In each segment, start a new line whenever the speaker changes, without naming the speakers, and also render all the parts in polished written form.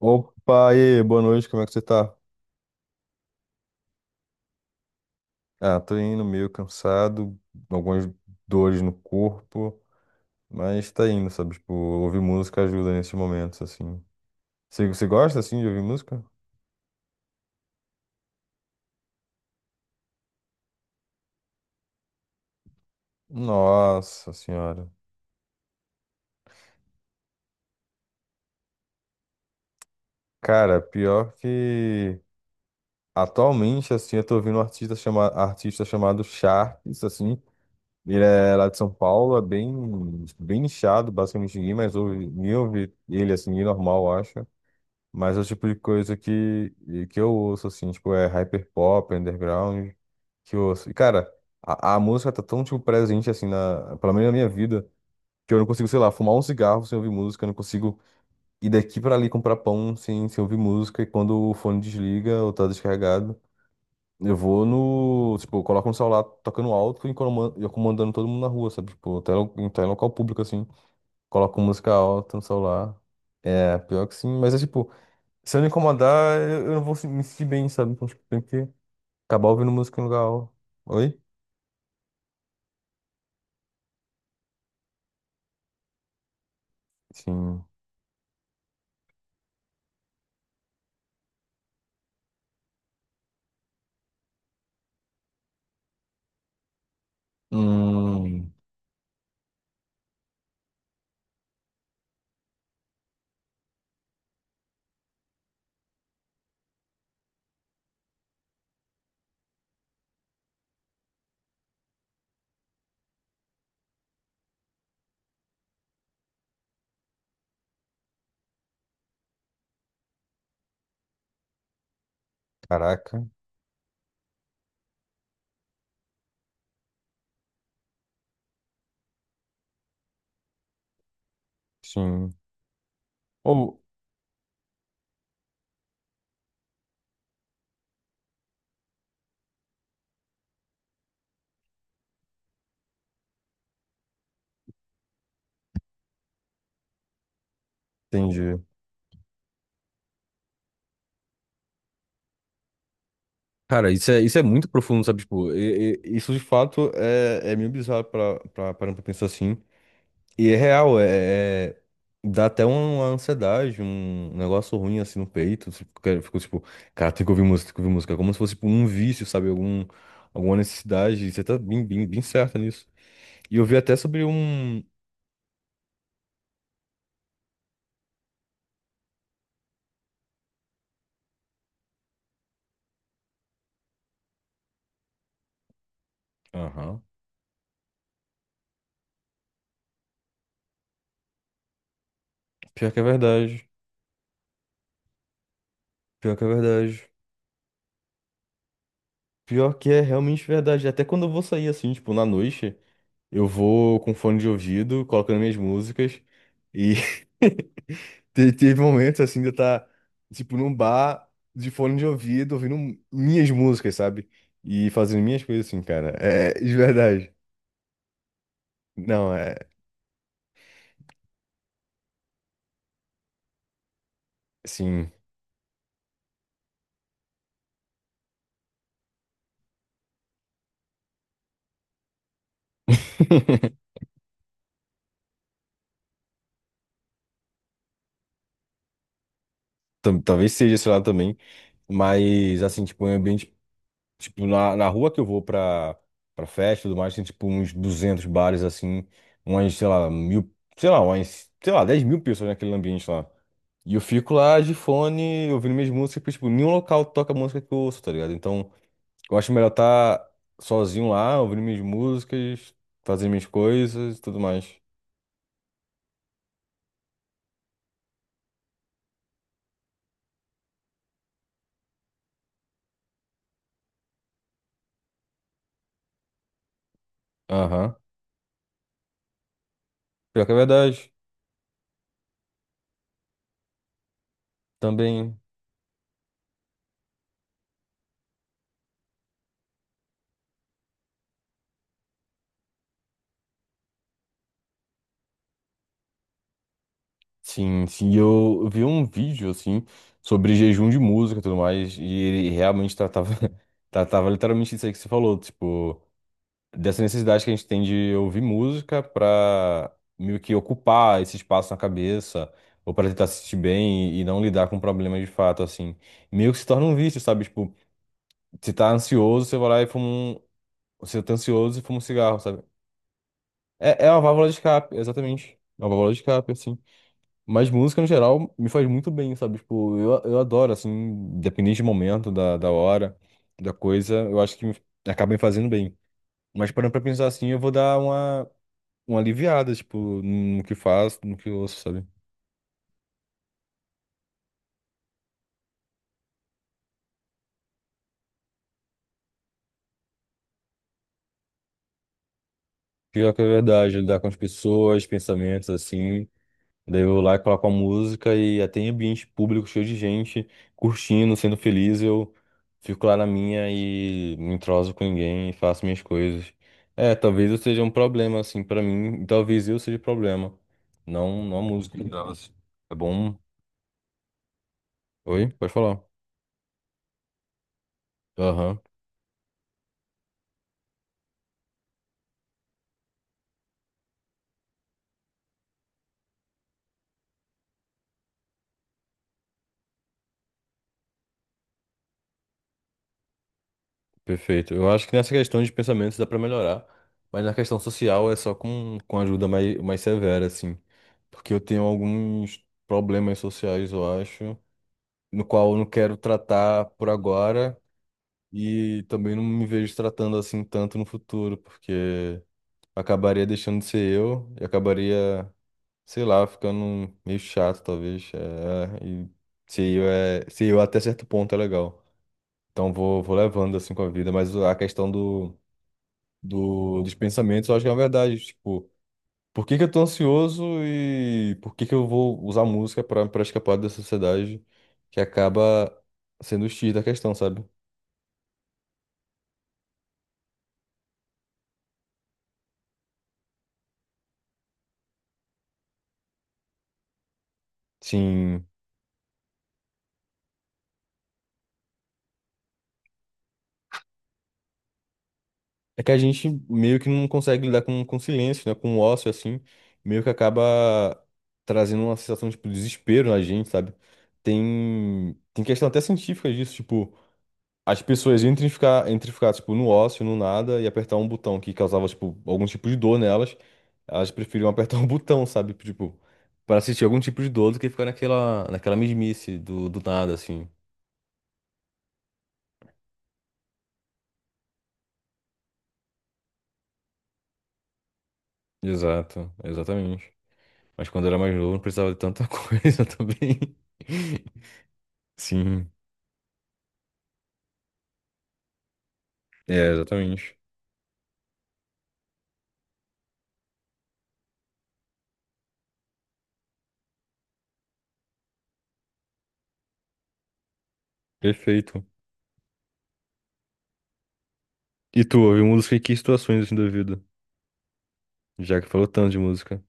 Opa, e aí, boa noite, como é que você tá? Ah, tô indo meio cansado, algumas dores no corpo, mas tá indo, sabe? Tipo, ouvir música ajuda nesses momentos, assim. Você gosta, assim, de ouvir música? Nossa senhora. Cara, pior que atualmente, assim, eu tô ouvindo um artista, chama... artista chamado Sharks, assim. Ele é lá de São Paulo, é bem, bem nichado, basicamente ninguém mais ouve, ninguém ouve ele, assim, normal, eu acho. Mas é o tipo de coisa que, e que eu ouço, assim, tipo, é hyperpop, underground, que eu ouço. E, cara, a música tá tão, tipo, presente, assim, na, pelo menos na minha vida, que eu não consigo, sei lá, fumar um cigarro sem ouvir música, eu não consigo ir daqui pra ali comprar pão sem ouvir música, e quando o fone desliga ou tá descarregado, eu vou no, tipo, eu coloco no celular tocando alto e e comandando todo mundo na rua, sabe? Tipo, até, até em local público, assim, coloco música alta no celular. É, pior que sim, mas é tipo. Se eu não incomodar, eu não vou me sentir bem, sabe? Então, tipo, tem que acabar ouvindo música em lugar. Oi? Sim. Hum. Caraca. Sim. Ou. Entendi. Cara, isso é muito profundo, sabe? Tipo, isso de fato é, meio bizarro parando pra pensar assim. E é real, dá até um, uma ansiedade, um negócio ruim assim no peito. Tipo, ficou tipo, cara, tem que ouvir música, tem que ouvir música. É como se fosse tipo, um vício, sabe? Algum, alguma necessidade. Você tá bem, bem, bem certa nisso. E eu vi até sobre um. Aham. Pior que é verdade. Pior que é verdade. Pior que é realmente verdade. Até quando eu vou sair assim, tipo, na noite, eu vou com fone de ouvido, colocando minhas músicas. E teve momentos assim de eu estar, tipo, num bar de fone de ouvido, ouvindo minhas músicas, sabe? E fazendo minhas coisas assim, cara. É, de verdade. Não, é. Sim. Talvez seja esse lado também. Mas, assim, tipo, um ambiente. Tipo, na rua que eu vou pra festa e tudo mais, tem tipo uns 200 bares assim, umas, sei lá, 1000, sei lá, umas, sei lá, 10.000 pessoas naquele ambiente lá. E eu fico lá de fone, ouvindo minhas músicas, porque, tipo, nenhum local toca a música que eu ouço, tá ligado? Então, eu acho melhor estar sozinho lá, ouvindo minhas músicas, fazendo minhas coisas e tudo mais. Aham. Pior que é verdade. Também. Sim, sim, eu vi um vídeo assim sobre jejum de música e tudo mais, e ele realmente tratava, tratava literalmente isso aí que você falou, tipo, dessa necessidade que a gente tem de ouvir música pra meio que ocupar esse espaço na cabeça, ou pra tentar se sentir bem e, não lidar com problemas de fato, assim. Meio que se torna um vício, sabe? Tipo, você tá ansioso, você vai lá e fuma um. Você tá ansioso e fuma um cigarro, sabe? É, uma válvula de escape, exatamente. É uma válvula de escape, assim. Mas música, no geral, me faz muito bem, sabe? Tipo, eu adoro, assim, independente do momento, da hora, da coisa, eu acho que acaba me fazendo bem. Mas parando pra pensar assim, eu vou dar uma aliviada, tipo, no que faço, no que ouço, sabe? Pior que é verdade, lidar com as pessoas, pensamentos, assim. Daí eu vou lá e coloco a música e até em ambiente público, cheio de gente, curtindo, sendo feliz, eu fico lá na minha e não entroso com ninguém e faço minhas coisas. É, talvez eu seja um problema, assim, pra mim, e talvez eu seja problema. Não, não a música em geral, assim. É bom. Oi? Pode falar. Aham, perfeito. Eu acho que nessa questão de pensamentos dá pra melhorar, mas na questão social é só com ajuda mais, mais severa, assim. Porque eu tenho alguns problemas sociais, eu acho, no qual eu não quero tratar por agora e também não me vejo tratando assim tanto no futuro, porque acabaria deixando de ser eu e acabaria, sei lá, ficando meio chato, talvez. É, e ser eu até certo ponto é legal. Então vou levando assim com a vida, mas a questão dos pensamentos, eu acho que é uma verdade, tipo, por que que eu tô ansioso e por que que eu vou usar música para escapar da sociedade que acaba sendo o X da questão, sabe? Sim. É que a gente meio que não consegue lidar com silêncio, né? Com o ócio, assim. Meio que acaba trazendo uma sensação, tipo, de desespero na gente, sabe? Tem questão até científica disso, tipo, as pessoas entre ficar, tipo, no ócio, no nada, e apertar um botão que causava, tipo, algum tipo de dor nelas, elas preferiam apertar um botão, sabe? Tipo, para sentir algum tipo de dor do que ficar naquela mesmice do nada, assim. Exato, exatamente. Mas quando eu era mais novo, não precisava de tanta coisa também. Sim, é, exatamente. Perfeito. E tu, ouve música em que situações assim da vida? Já que falou tanto de música.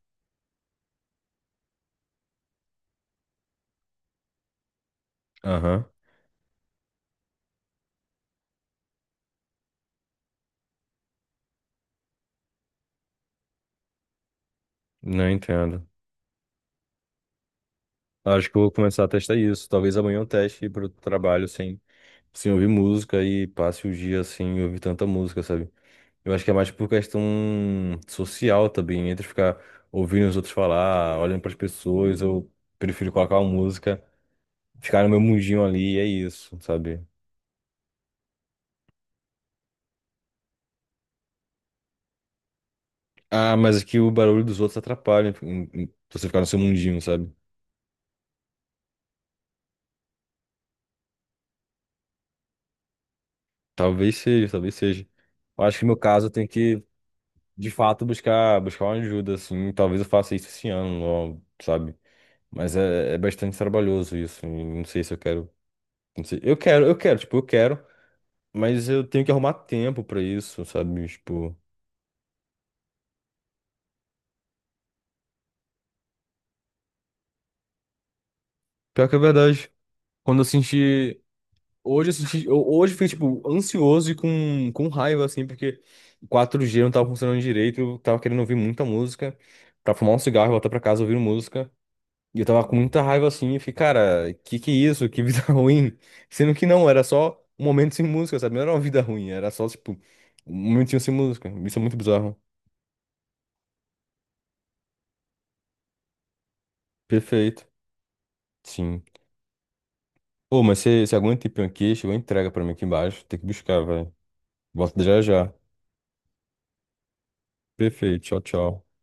Aham. Não entendo. Acho que eu vou começar a testar isso. Talvez amanhã eu teste ir pro trabalho sem ouvir música e passe o dia sem ouvir tanta música, sabe? Eu acho que é mais por questão social também, entre ficar ouvindo os outros falar, olhando pras pessoas, eu prefiro colocar uma música, ficar no meu mundinho ali, é isso, sabe? Ah, mas aqui o barulho dos outros atrapalha em você ficar no seu mundinho, sabe? Talvez seja, talvez seja. Eu acho que no meu caso eu tenho que, de fato, buscar uma ajuda, assim. Talvez eu faça isso esse ano, ó, sabe? Mas é bastante trabalhoso isso. E não sei se eu quero. Não sei. Eu quero, tipo, eu quero, mas eu tenho que arrumar tempo pra isso, sabe? Tipo, pior que é verdade. Quando eu senti. Hoje, eu senti, hoje eu fiquei, tipo, ansioso e com raiva, assim, porque 4G não tava funcionando direito, eu tava querendo ouvir muita música, pra fumar um cigarro e voltar pra casa ouvindo música. E eu tava com muita raiva, assim, e fiquei, cara, que é isso? Que vida ruim. Sendo que não, era só um momento sem música, sabe? Não era uma vida ruim, era só, tipo, um momentinho sem música. Isso é muito bizarro. Perfeito. Sim. Pô, mas você aguenta ir pra um queixo, entrega pra mim aqui embaixo. Tem que buscar, velho. Volta já já. Perfeito. Tchau, tchau.